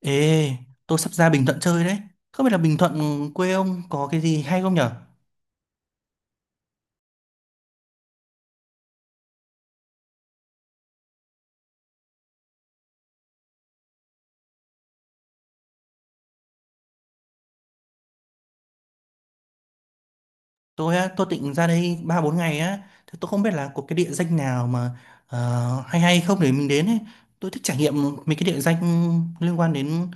Ê, tôi sắp ra Bình Thuận chơi đấy. Không biết là Bình Thuận quê ông có cái gì hay không nhở? Tôi á, tôi định ra đây 3 4 ngày á, thì tôi không biết là có cái địa danh nào mà hay hay không để mình đến ấy. Tôi thích trải nghiệm mấy cái địa danh liên quan đến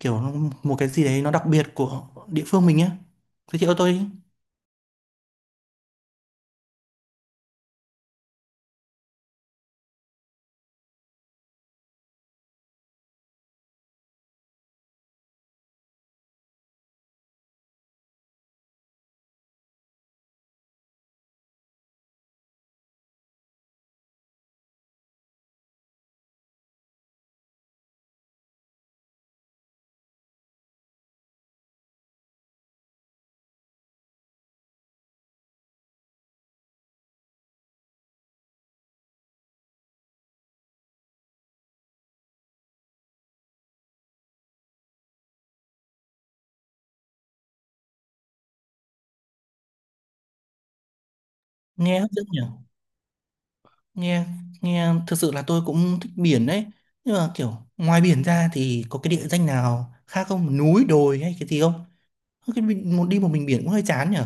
kiểu một cái gì đấy nó đặc biệt của địa phương mình á. Giới thiệu tôi đi. Nghe hấp dẫn nhở? Nghe nghe thực sự là tôi cũng thích biển đấy. Nhưng mà kiểu ngoài biển ra thì có cái địa danh nào khác không? Núi, đồi hay cái gì không? Ơ, cái mình một đi một mình biển cũng hơi chán nhở.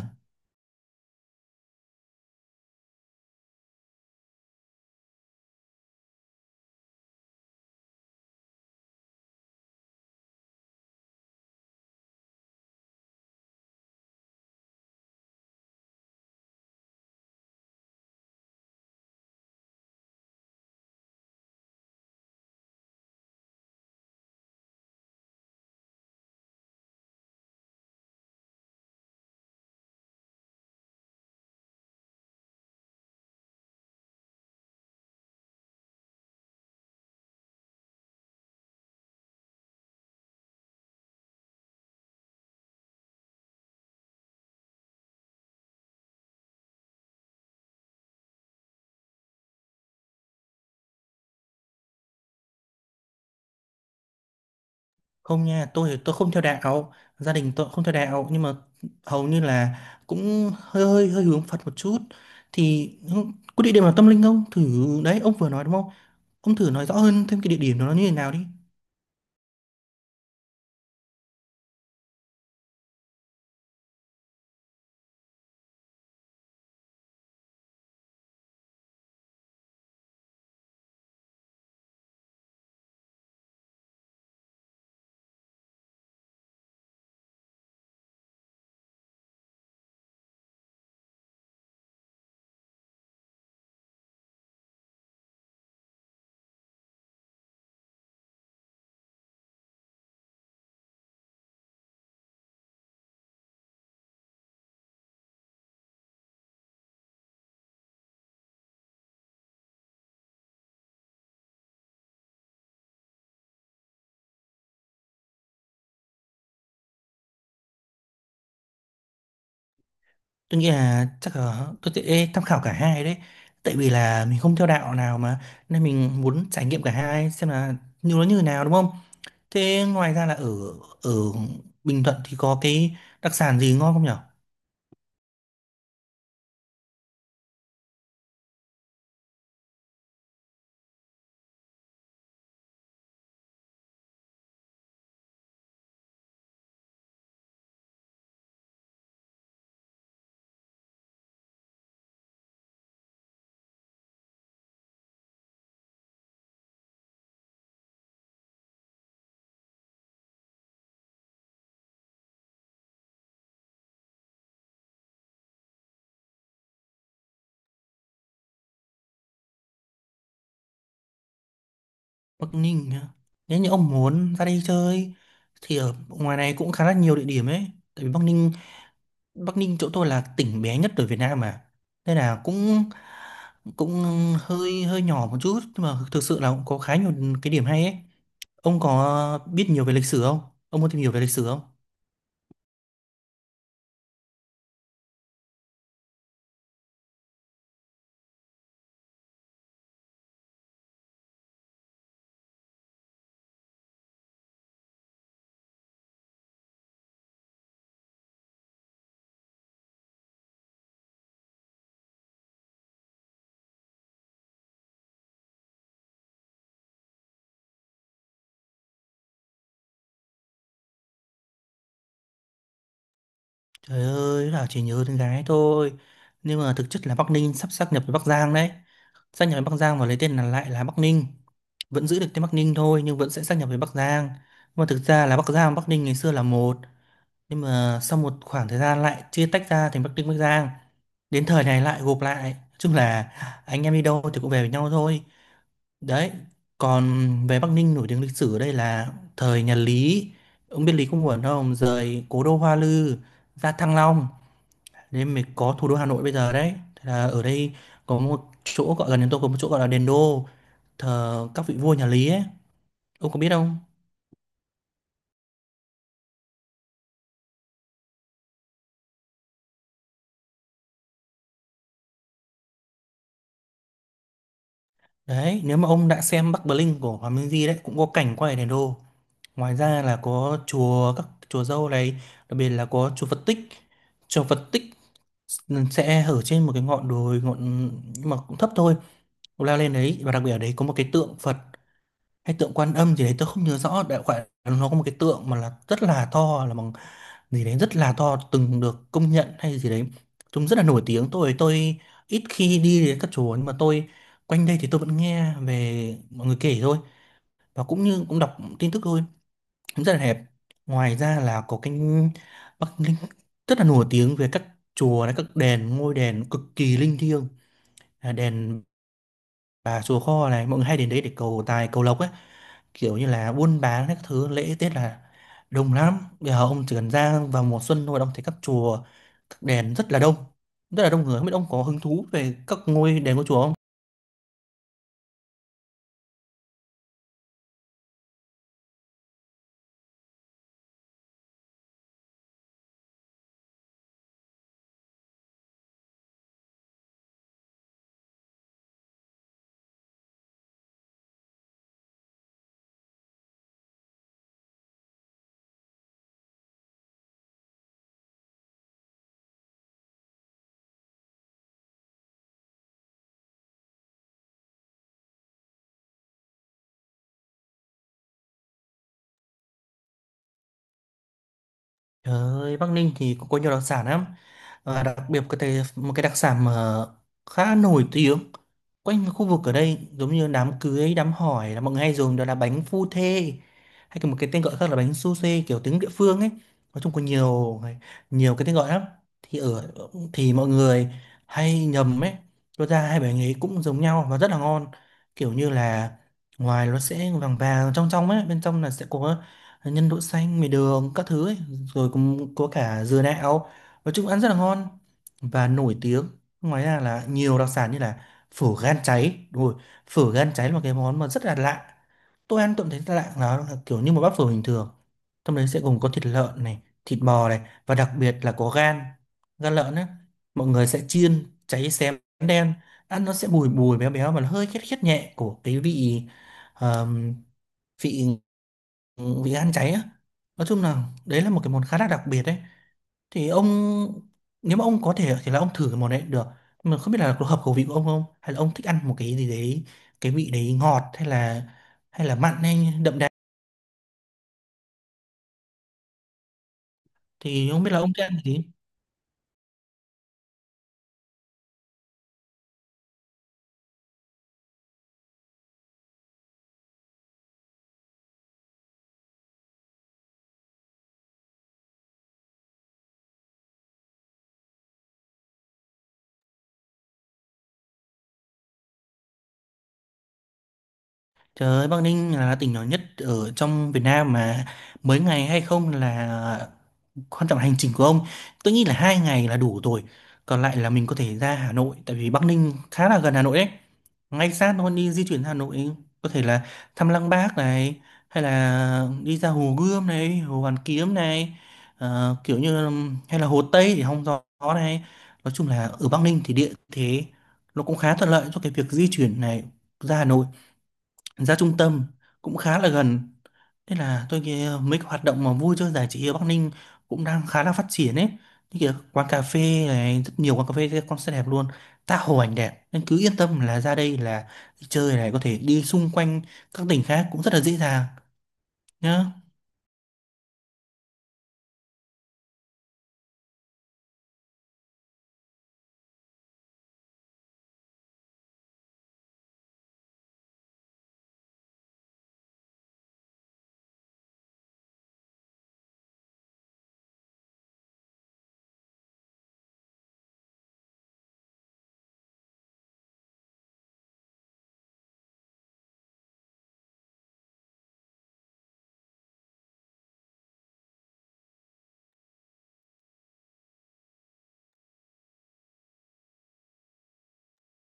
Không nha, tôi không theo đạo, gia đình tôi không theo đạo, nhưng mà hầu như là cũng hơi hơi hơi hướng Phật một chút. Thì ừ, có địa điểm nào tâm linh không thử, đấy ông vừa nói đúng không, ông thử nói rõ hơn thêm cái địa điểm đó nó như thế nào đi. Tôi nghĩ là chắc là tôi sẽ tham khảo cả hai đấy, tại vì là mình không theo đạo nào mà, nên mình muốn trải nghiệm cả hai xem là như nó như thế nào đúng không. Thế ngoài ra là ở ở Bình Thuận thì có cái đặc sản gì ngon không nhỉ? Bắc Ninh á. Nếu như ông muốn ra đây chơi thì ở ngoài này cũng khá là nhiều địa điểm ấy. Tại vì Bắc Ninh, Bắc Ninh chỗ tôi là tỉnh bé nhất ở Việt Nam mà. Nên là cũng cũng hơi hơi nhỏ một chút nhưng mà thực sự là cũng có khá nhiều cái điểm hay ấy. Ông có biết nhiều về lịch sử không? Ông muốn tìm hiểu về lịch sử không? Trời ơi, là chỉ nhớ con gái thôi. Nhưng mà thực chất là Bắc Ninh sắp sáp nhập với Bắc Giang đấy. Sáp nhập với Bắc Giang và lấy tên là lại là Bắc Ninh. Vẫn giữ được tên Bắc Ninh thôi nhưng vẫn sẽ sáp nhập với Bắc Giang, nhưng mà thực ra là Bắc Giang và Bắc Ninh ngày xưa là một, nhưng mà sau một khoảng thời gian lại chia tách ra thành Bắc Ninh, Bắc Giang, đến thời này lại gộp lại. Nói chung là anh em đi đâu thì cũng về với nhau thôi, đấy. Còn về Bắc Ninh nổi tiếng lịch sử ở đây là thời nhà Lý, ông biết Lý Công Uẩn không, rời cố đô Hoa Lư ra Thăng Long, nên mới có thủ đô Hà Nội bây giờ đấy. Thế là ở đây có một chỗ gọi gần đến tôi, có một chỗ gọi là đền Đô, thờ các vị vua nhà Lý ấy, ông có biết không? Đấy, nếu mà ông đã xem Bắc Bling của Hoàng Minh Di đấy cũng có cảnh quay ở đèn đô. Ngoài ra là có chùa, các chùa Dâu này, đặc biệt là có chùa Phật Tích. Chùa Phật Tích sẽ ở trên một cái ngọn đồi ngọn nhưng mà cũng thấp thôi. Ông leo lên đấy, và đặc biệt ở đấy có một cái tượng Phật hay tượng Quan Âm gì đấy tôi không nhớ rõ, đại loại là nó có một cái tượng mà là rất là to, là bằng gì đấy, rất là to, từng được công nhận hay gì đấy, chúng rất là nổi tiếng. Tôi ít khi đi đến các chùa, nhưng mà tôi quanh đây thì tôi vẫn nghe về mọi người kể thôi, và cũng như cũng đọc tin tức thôi, cũng rất là đẹp. Ngoài ra là có cái Bắc Ninh rất là nổi tiếng về các chùa này, các đền, ngôi đền cực kỳ linh thiêng. À, đèn và chùa Kho này mọi người hay đến đấy để cầu tài cầu lộc ấy, kiểu như là buôn bán các thứ, lễ Tết là đông lắm. Bây giờ ông chỉ cần ra vào mùa xuân thôi là ông thấy các chùa, các đền rất là đông, rất là đông người. Không biết ông có hứng thú về các ngôi đền, của chùa không? Trời ơi, Bắc Ninh thì có nhiều đặc sản lắm, và đặc biệt có thể một cái đặc sản mà khá nổi tiếng quanh khu vực ở đây, giống như đám cưới đám hỏi là mọi người hay dùng, đó là bánh phu thê, hay còn một cái tên gọi khác là bánh su xê, kiểu tiếng địa phương ấy. Nói chung có nhiều, nhiều cái tên gọi lắm. Thì ở thì mọi người hay nhầm ấy, cho ra hai bánh ấy cũng giống nhau và rất là ngon. Kiểu như là ngoài nó sẽ vàng vàng, trong trong ấy, bên trong là sẽ có nhân đậu xanh, mì đường các thứ ấy, rồi cũng có cả dừa đạo. Nói chung ăn rất là ngon và nổi tiếng. Ngoài ra là nhiều đặc sản như là phở gan cháy, đúng rồi, phở gan cháy là một cái món mà rất là lạ. Tôi ăn tôi cũng thấy lạ, nó là kiểu như một bát phở bình thường, trong đấy sẽ gồm có thịt lợn này, thịt bò này, và đặc biệt là có gan, gan lợn ấy. Mọi người sẽ chiên cháy xém đen, ăn nó sẽ bùi bùi béo béo và nó hơi khét khét nhẹ của cái vị ờm, vị vị gan cháy á. Nói chung là đấy là một cái món khá là đặc biệt đấy. Thì ông, nếu mà ông có thể thì là ông thử cái món đấy cũng được. Nhưng mà không biết là có hợp khẩu vị của ông không, hay là ông thích ăn một cái gì đấy, cái vị đấy ngọt hay là, hay là mặn hay đậm đà, thì không biết là ông thích ăn cái gì. Trời ơi, Bắc Ninh là tỉnh nhỏ nhất ở trong Việt Nam mà, mới ngày hay không là quan trọng, là hành trình của ông. Tôi nghĩ là 2 ngày là đủ rồi, còn lại là mình có thể ra Hà Nội, tại vì Bắc Ninh khá là gần Hà Nội đấy, ngay sát thôi. Đi di chuyển Hà Nội có thể là thăm Lăng Bác này, hay là đi ra Hồ Gươm này, Hồ Hoàn Kiếm này, kiểu như là, hay là Hồ Tây để hóng gió này. Nói chung là ở Bắc Ninh thì địa thế nó cũng khá thuận lợi cho cái việc di chuyển này, ra Hà Nội, ra trung tâm cũng khá là gần. Thế là tôi nghĩ mấy cái hoạt động mà vui chơi giải trí ở Bắc Ninh cũng đang khá là phát triển ấy. Như kiểu quán cà phê này, rất nhiều quán cà phê concert đẹp luôn, tha hồ ảnh đẹp. Nên cứ yên tâm là ra đây là đi chơi này, có thể đi xung quanh các tỉnh khác cũng rất là dễ dàng nhá.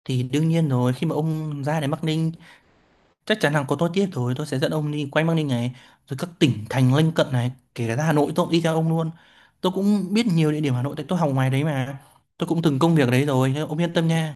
Thì đương nhiên rồi, khi mà ông ra đến Bắc Ninh, chắc chắn là có tôi tiếp rồi, tôi sẽ dẫn ông đi quanh Bắc Ninh này, rồi các tỉnh thành lân cận này, kể cả ra Hà Nội tôi cũng đi theo ông luôn. Tôi cũng biết nhiều địa điểm Hà Nội tại tôi học ngoài đấy mà. Tôi cũng từng công việc ở đấy rồi, nên ông yên tâm nha.